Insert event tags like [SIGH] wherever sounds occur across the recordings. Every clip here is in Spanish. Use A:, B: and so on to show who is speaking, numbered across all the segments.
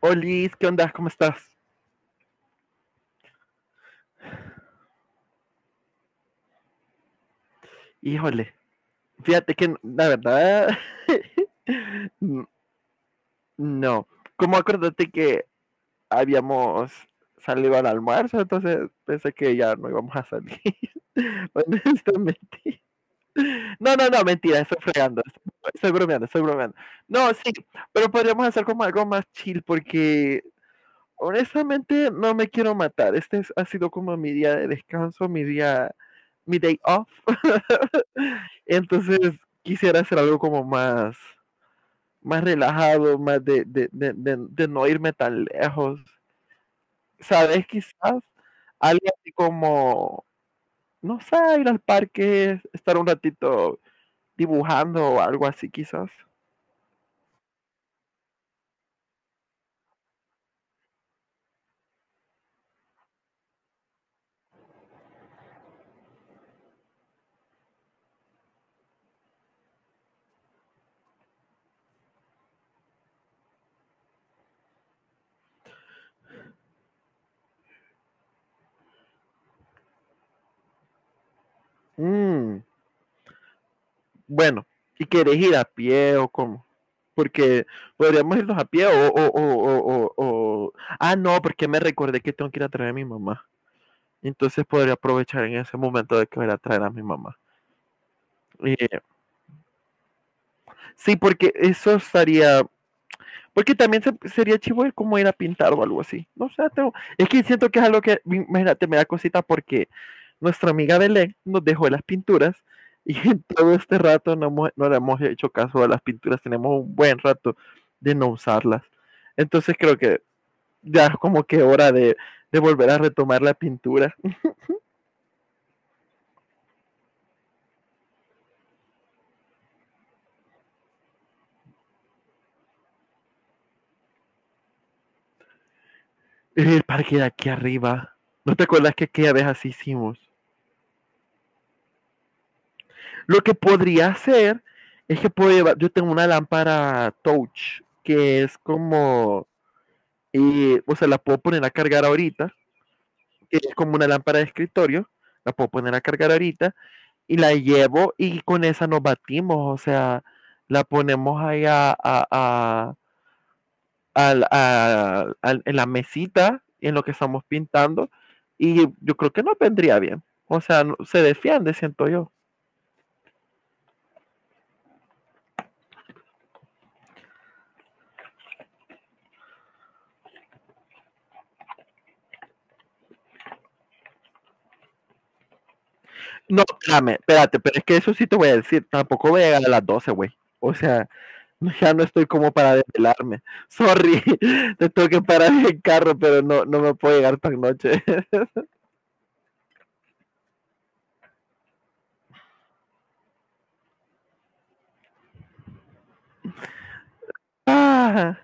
A: Olis, ¿qué onda? ¿Cómo estás? Híjole, fíjate que la verdad, [LAUGHS] no. Como acuérdate que habíamos salido al almuerzo, entonces pensé que ya no íbamos a salir. [LAUGHS] Honestamente. No, no, no, mentira, estoy fregando. Estoy bromeando, estoy bromeando. No, sí, pero podríamos hacer como algo más chill porque honestamente no me quiero matar. Ha sido como mi día de descanso, mi día, mi day off. [LAUGHS] Entonces quisiera hacer algo como más relajado, más de no irme tan lejos. ¿Sabes? Quizás algo así como, no sé, ir al parque, estar un ratito dibujando o algo así quizás. Mm, bueno, ¿y quieres ir a pie o cómo? Porque podríamos irnos a pie. Ah, no, porque me recordé que tengo que ir a traer a mi mamá. Entonces podría aprovechar en ese momento de que voy a ir a traer a mi mamá. Eh, Sí, porque eso estaría. Porque también sería chivo de cómo ir a pintar o algo así. No sé, es que siento que es algo que, imagínate, me da cosita porque nuestra amiga Belén nos dejó las pinturas y [LAUGHS] en todo este rato no, no le hemos hecho caso a las pinturas. Tenemos un buen rato de no usarlas. Entonces creo que ya es como que hora de volver a retomar la pintura. [LAUGHS] El parque de aquí arriba. ¿No te acuerdas que aquella vez así hicimos? Lo que podría hacer es que puedo llevar, yo tengo una lámpara touch que es como, o sea, la puedo poner a cargar ahorita, que es como una lámpara de escritorio, la puedo poner a cargar ahorita y la llevo y con esa nos batimos, o sea, la ponemos ahí a- en la mesita en lo que estamos pintando y yo creo que nos vendría bien, o sea, se defiende, siento yo. No, espérame, espérate, pero es que eso sí te voy a decir, tampoco voy a llegar a las 12, güey. O sea, ya no estoy como para desvelarme. Sorry, [LAUGHS] te tengo que parar el carro, pero no, no me puedo llegar tan noche. [LAUGHS] Ah,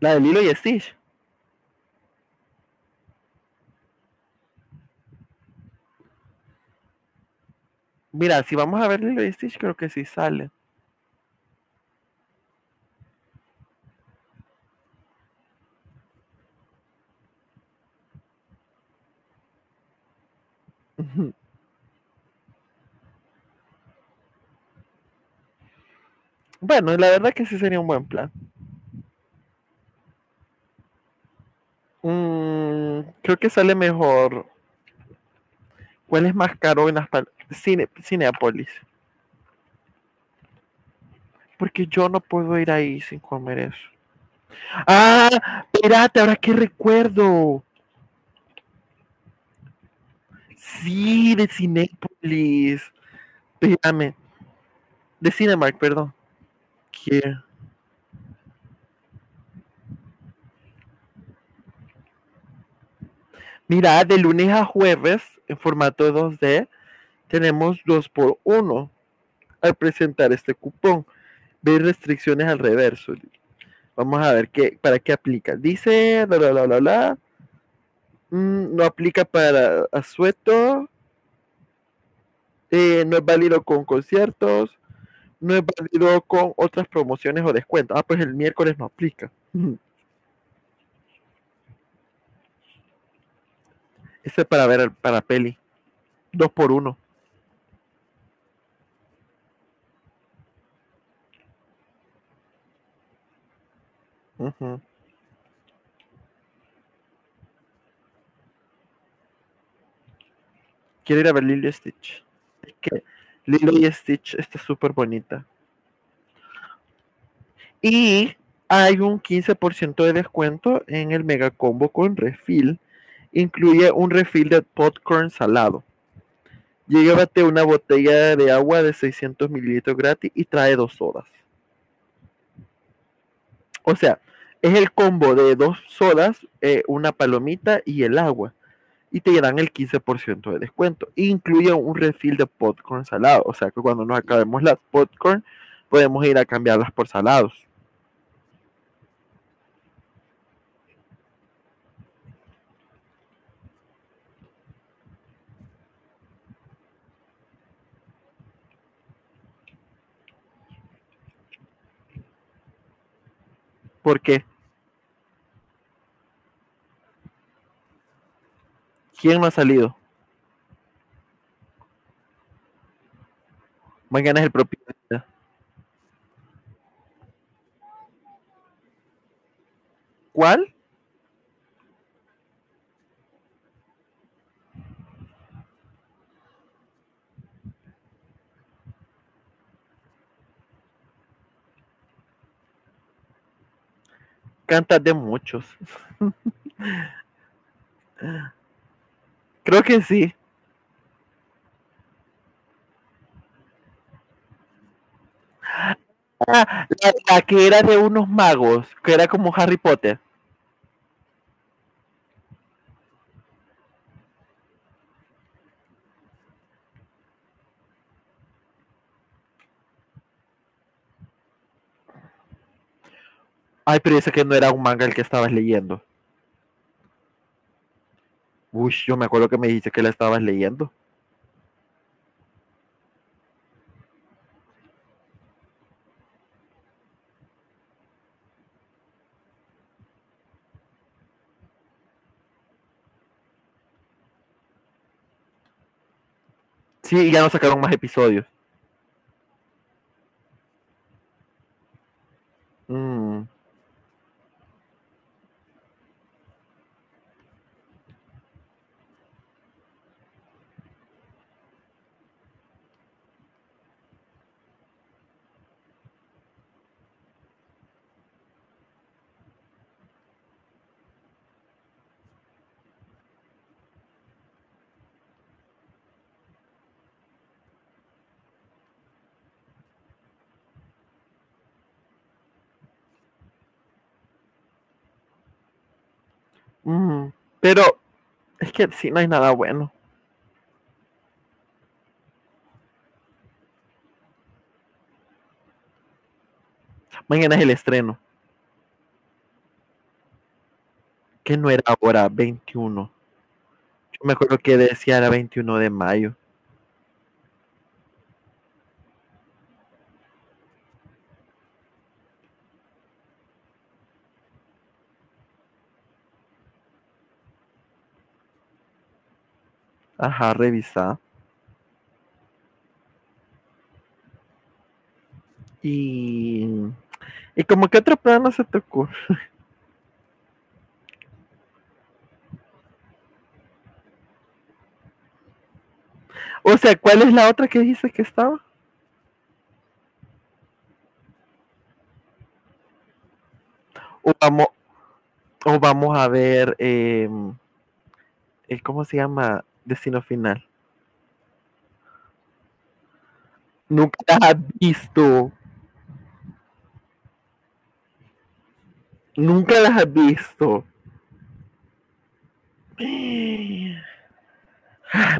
A: la de Lilo y Stitch. Mira, si vamos a ver Lilo y Stitch, creo que sí sale. [LAUGHS] Ujú. Bueno, la verdad que sí sería un buen plan. Creo que sale mejor. ¿Cuál es más caro en las Cine, Cineapolis? Porque yo no puedo ir ahí sin comer eso. Ah, espérate, ahora qué recuerdo. Sí, de Cinépolis. Espérame, de Cinemark, perdón. ¿Qué? Mira, de lunes a jueves, en formato 2D, tenemos dos por uno al presentar este cupón. Ver restricciones al reverso. Vamos a ver qué, para qué aplica. Dice, bla, bla, bla, bla, bla. No aplica para asueto. No es válido con conciertos. No es válido con otras promociones o descuentos. Ah, pues el miércoles no aplica. [LAUGHS] Ese es para ver para peli. Dos por uno. Ujú. Quiero ir a ver Lilo y Stitch. Es que Lilo y Stitch está súper bonita. Y hay un 15% de descuento en el mega combo con refil. Incluye un refil de popcorn salado. Llévate una botella de agua de 600 ml gratis y trae dos sodas. O sea, es el combo de dos sodas, una palomita y el agua. Y te dan el 15% de descuento. Incluye un refill de popcorn salado, o sea que cuando nos acabemos las popcorn podemos ir a cambiarlas por salados. Porque ¿quién no ha salido? Mañana es el propietario. ¿Cuál? Cantas de muchos. Creo que sí. Ah, la que era de unos magos, que era como Harry Potter. Ay, pero ese que no era un manga el que estabas leyendo. Uy, yo me acuerdo que me dijiste que la estabas leyendo. Sí, y ya no sacaron más episodios. Mm, mm. Pero es que sí, no hay nada bueno. Mañana es el estreno, que no era ahora, 21. Yo me acuerdo que decía era 21 de mayo. Ajá, revisá. Y, y como que otro plan no se te ocurre. O sea, ¿cuál es la otra que dices que estaba? O vamos, o vamos a ver, ¿cómo se llama? Destino final. Nunca las has visto. Nunca las has visto.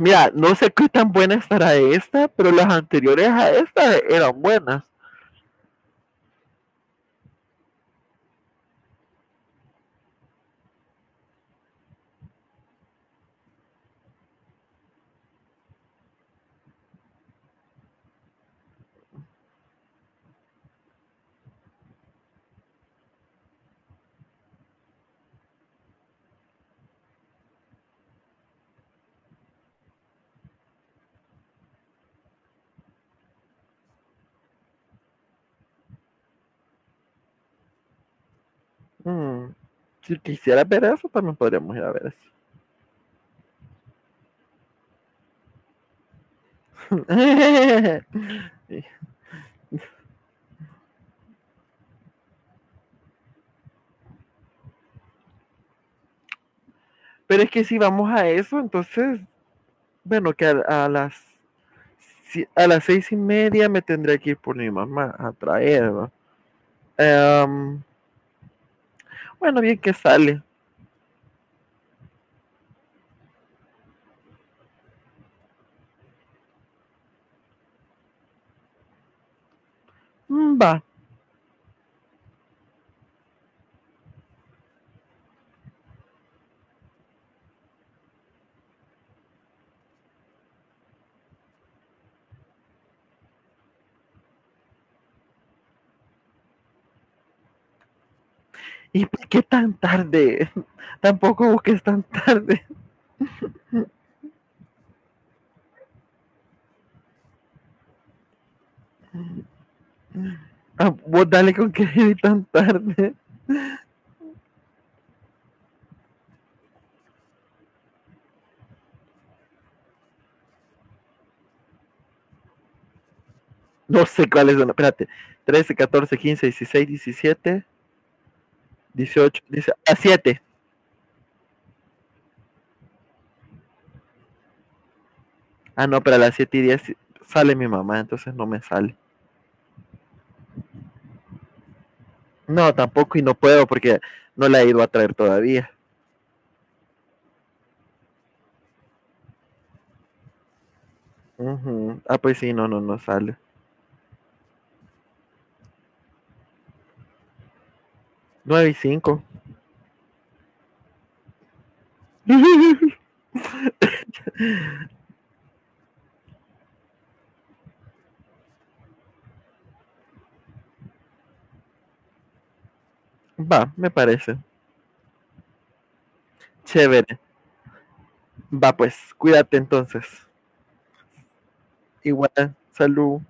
A: Mira, no sé qué tan buena estará esta, pero las anteriores a esta eran buenas. Mm, Si quisiera ver eso, también podríamos ir a ver eso. [LAUGHS] Sí. Pero es que si vamos a eso, entonces, bueno, que a las si- a las 6:30 me tendré que ir por mi mamá a traerla. Em, bueno, bien que sale. Mm, va. ¿Y por qué tan tarde? [LAUGHS] Tampoco busques tan tarde. Ah, vos dale con que ir tan tarde. No sé cuáles son. Espérate. 13, 14, 15, 16, 17, 18, 17. A siete. Ah, no, pero a las 7:10 sale mi mamá, entonces no me sale. No, tampoco y no puedo porque no la he ido a traer todavía. Ujú. Ah, pues sí, no, no, no sale. 9:05. [LAUGHS] Va, me parece. Chévere. Va, pues, cuídate entonces. Igual, salud.